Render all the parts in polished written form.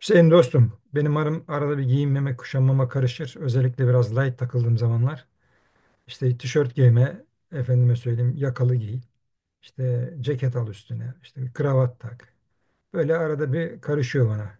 Hüseyin dostum, benim arım arada bir giyinmeme, kuşanmama karışır. Özellikle biraz light takıldığım zamanlar. İşte tişört giyme, efendime söyleyeyim yakalı giy. İşte ceket al üstüne, işte bir kravat tak. Böyle arada bir karışıyor bana.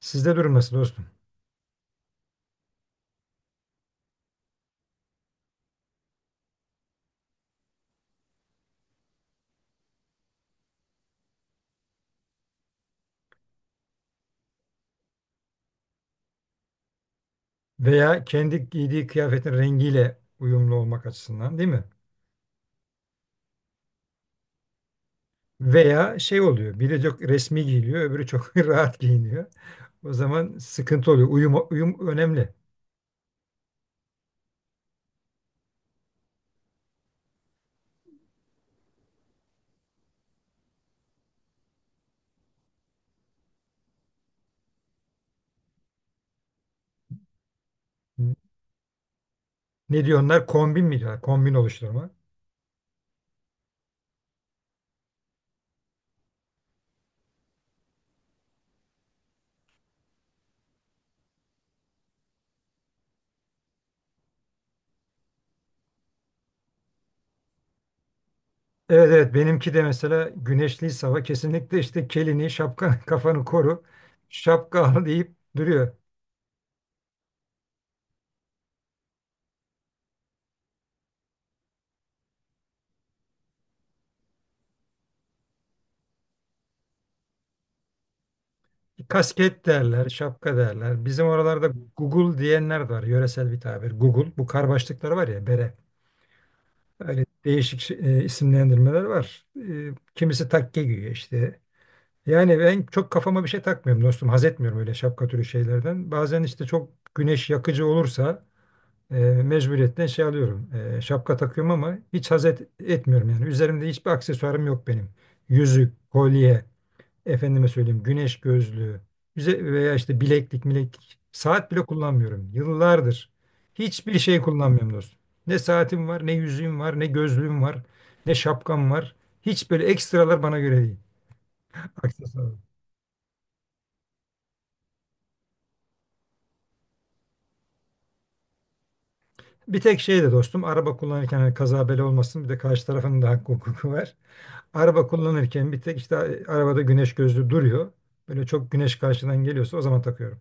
Sizde durum nasıl dostum? Veya kendi giydiği kıyafetin rengiyle uyumlu olmak açısından değil mi? Veya şey oluyor, biri çok resmi giyiliyor, öbürü çok rahat giyiniyor. O zaman sıkıntı oluyor. Uyum önemli. Ne diyorlar? Kombin mi diyorlar? Kombin oluşturma. Evet, evet, benimki de mesela güneşli hava kesinlikle işte kelini şapka kafanı koru şapka al deyip duruyor. Kasket derler şapka derler. Bizim oralarda Google diyenler de var, yöresel bir tabir Google, bu kar başlıkları var ya bere, öyle değişik isimlendirmeler var. E, kimisi takke giyiyor işte. Yani ben çok kafama bir şey takmıyorum dostum, haz etmiyorum öyle şapka türü şeylerden. Bazen işte çok güneş yakıcı olursa e, mecburiyetten şey alıyorum. E, şapka takıyorum ama hiç haz etmiyorum yani. Üzerimde hiçbir aksesuarım yok benim. Yüzük, kolye, efendime söyleyeyim güneş gözlüğü veya işte bileklik, mileklik. Saat bile kullanmıyorum. Yıllardır hiçbir şey kullanmıyorum dostum. Ne saatim var, ne yüzüğüm var, ne gözlüğüm var, ne şapkam var. Hiç böyle ekstralar bana göre değil. Aksesuar. Bir tek şey de dostum, araba kullanırken hani kaza bela olmasın, bir de karşı tarafın da hakkı hukuku var. Araba kullanırken bir tek işte arabada güneş gözlüğü duruyor. Böyle çok güneş karşıdan geliyorsa o zaman takıyorum.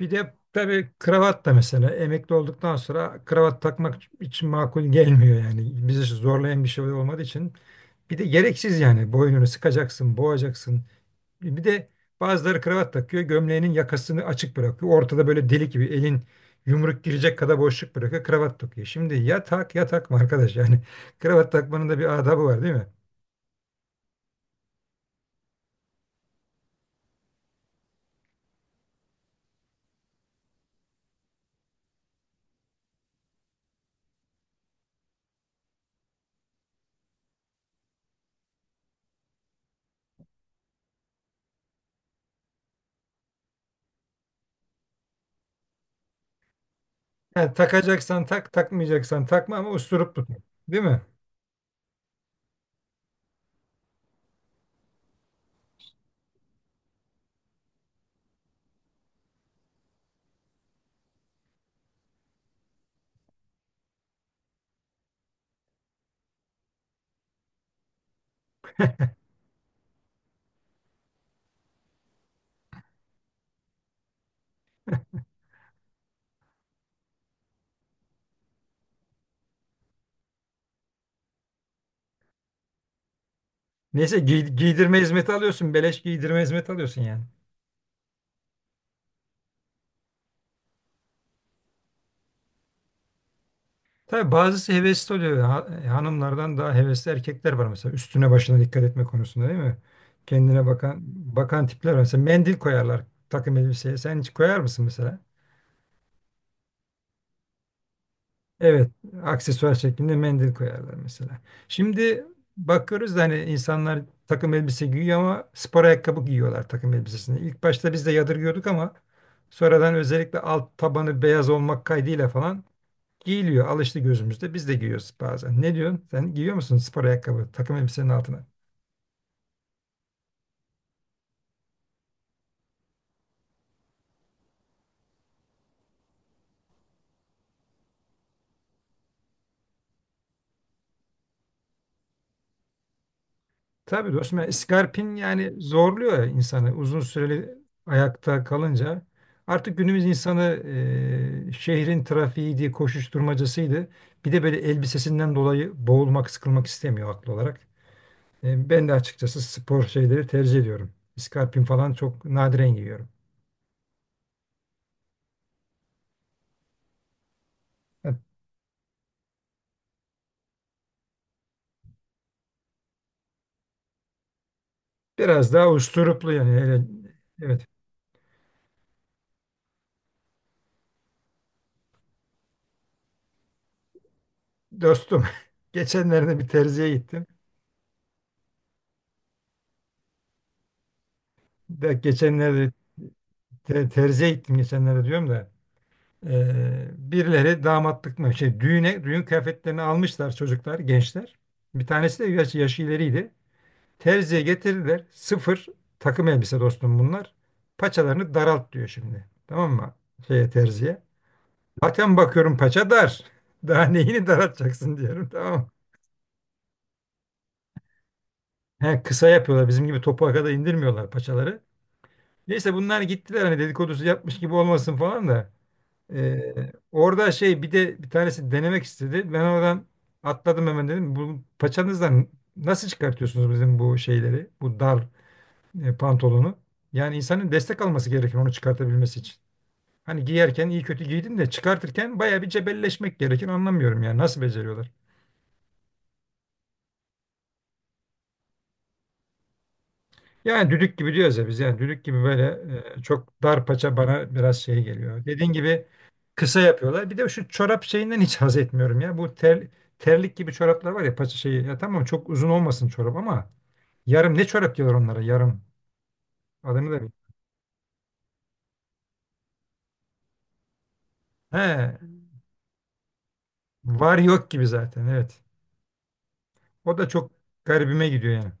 Bir de tabii kravat da mesela emekli olduktan sonra kravat takmak için makul gelmiyor yani. Bizi zorlayan bir şey olmadığı için. Bir de gereksiz yani, boynunu sıkacaksın, boğacaksın. Bir de bazıları kravat takıyor, gömleğinin yakasını açık bırakıyor. Ortada böyle delik gibi elin yumruk girecek kadar boşluk bırakıyor, kravat takıyor. Şimdi ya tak ya takma arkadaş yani kravat takmanın da bir adabı var değil mi? Yani takacaksan tak, takmayacaksan takma ama usturup tut. Değil mi? Neyse, giydirme hizmeti alıyorsun. Beleş giydirme hizmeti alıyorsun yani. Tabii bazısı hevesli oluyor. Hanımlardan daha hevesli erkekler var mesela. Üstüne başına dikkat etme konusunda değil mi? Kendine bakan tipler var. Mesela mendil koyarlar takım elbiseye. Sen hiç koyar mısın mesela? Evet, aksesuar şeklinde mendil koyarlar mesela. Şimdi bakıyoruz da hani insanlar takım elbise giyiyor ama spor ayakkabı giyiyorlar takım elbisesine. İlk başta biz de yadırgıyorduk ama sonradan özellikle alt tabanı beyaz olmak kaydıyla falan giyiliyor. Alıştı gözümüzde. Biz de giyiyoruz bazen. Ne diyorsun? Sen giyiyor musun spor ayakkabı takım elbisenin altına? Tabii dostum, yani iskarpin yani zorluyor ya insanı uzun süreli ayakta kalınca. Artık günümüz insanı şehrin trafiğiydi, koşuşturmacasıydı. Bir de böyle elbisesinden dolayı boğulmak, sıkılmak istemiyor haklı olarak. E, ben de açıkçası spor şeyleri tercih ediyorum. İskarpin falan çok nadiren giyiyorum. Ha, biraz daha usturuplu yani. Hele, evet dostum, geçenlerde bir terziye gittim. De, geçenlerde terziye gittim geçenlerde diyorum da. Birileri damatlık mı şey düğüne düğün kıyafetlerini almışlar, çocuklar gençler. Bir tanesi de yaşı ileriydi. Terziye getirdiler. Sıfır takım elbise dostum bunlar. Paçalarını daralt diyor şimdi. Tamam mı? Şeye, terziye. Zaten bakıyorum paça dar. Daha neyini daraltacaksın diyorum, tamam mı? He, kısa yapıyorlar. Bizim gibi topuğa kadar indirmiyorlar paçaları. Neyse, bunlar gittiler, hani dedikodusu yapmış gibi olmasın falan da. Orada şey, bir de bir tanesi denemek istedi. Ben oradan atladım hemen dedim. Bu paçanızdan nasıl çıkartıyorsunuz bizim bu şeyleri? Bu dar pantolonu. Yani insanın destek alması gerekir onu çıkartabilmesi için. Hani giyerken iyi kötü giydin de çıkartırken baya bir cebelleşmek gerekir. Anlamıyorum yani nasıl beceriyorlar? Yani düdük gibi diyoruz ya biz, yani düdük gibi böyle, çok dar paça bana biraz şey geliyor. Dediğin gibi kısa yapıyorlar. Bir de şu çorap şeyinden hiç haz etmiyorum ya. Terlik gibi çoraplar var ya paça şeyi. Ya tamam çok uzun olmasın çorap ama yarım, ne çorap diyorlar onlara, yarım. Adını da bilmiyorum. He, var yok gibi zaten, evet. O da çok garibime gidiyor yani.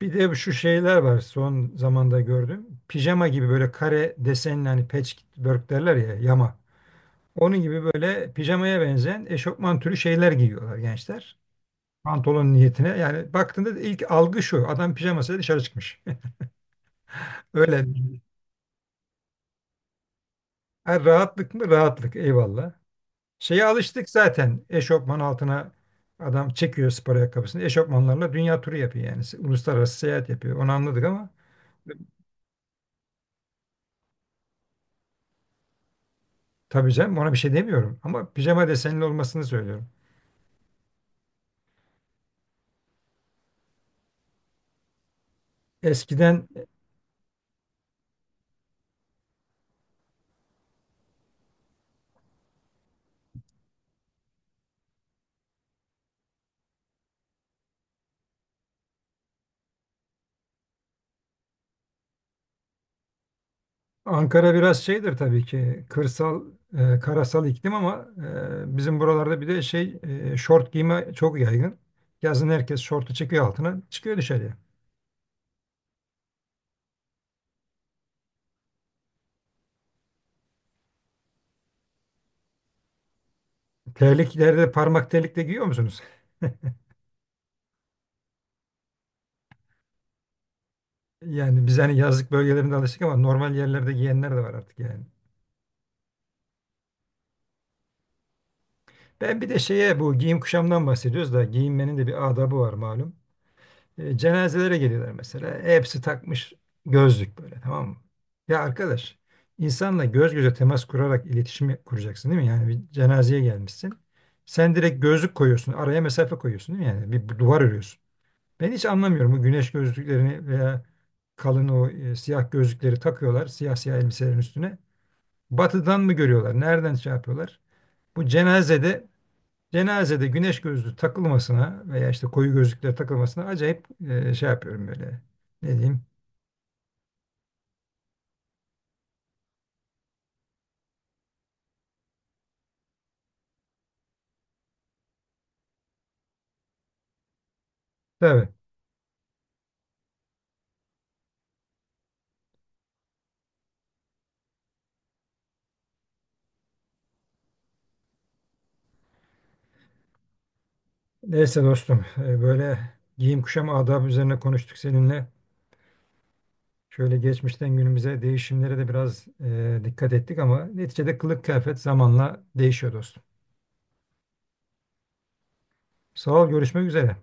Bir de şu şeyler var son zamanda gördüm. Pijama gibi böyle kare desenli, hani patchwork derler ya, yama. Onun gibi böyle pijamaya benzeyen eşofman türü şeyler giyiyorlar gençler. Pantolon niyetine, yani baktığında ilk algı, şu adam pijamasıyla dışarı çıkmış. Öyle. Ha, rahatlık mı? Rahatlık. Eyvallah. Şeye alıştık zaten. Eşofman altına adam çekiyor spor ayakkabısını. Eşofmanlarla dünya turu yapıyor yani. Uluslararası seyahat yapıyor. Onu anladık ama tabii canım, ona bir şey demiyorum. Ama pijama desenli olmasını söylüyorum. Eskiden Ankara biraz şeydir tabii ki, kırsal, e, karasal iklim ama e, bizim buralarda bir de şey, şort giyme çok yaygın. Yazın herkes şortu çıkıyor altına, çıkıyor dışarıya. Terliklerde parmak terlik de giyiyor musunuz? Yani biz hani yazlık bölgelerinde alıştık ama normal yerlerde giyenler de var artık yani. Ben bir de şeye, bu giyim kuşamdan bahsediyoruz da, giyinmenin de bir adabı var malum. E, cenazelere geliyorlar mesela. E, Hepsi takmış gözlük, böyle, tamam mı? Ya arkadaş, insanla göz göze temas kurarak iletişim kuracaksın değil mi? Yani bir cenazeye gelmişsin. Sen direkt gözlük koyuyorsun. Araya mesafe koyuyorsun değil mi? Yani bir duvar örüyorsun. Ben hiç anlamıyorum bu güneş gözlüklerini veya kalın o, siyah gözlükleri takıyorlar. Siyah siyah elbiselerin üstüne. Batıdan mı görüyorlar? Nereden şey yapıyorlar? Bu cenazede, cenazede güneş gözlüğü takılmasına veya işte koyu gözlükler takılmasına acayip şey yapıyorum böyle. Ne diyeyim? Tabii. Neyse dostum, e, böyle giyim kuşam adabı üzerine konuştuk seninle. Şöyle geçmişten günümüze değişimlere de biraz dikkat ettik ama neticede kılık kıyafet zamanla değişiyor dostum. Sağ ol, görüşmek üzere.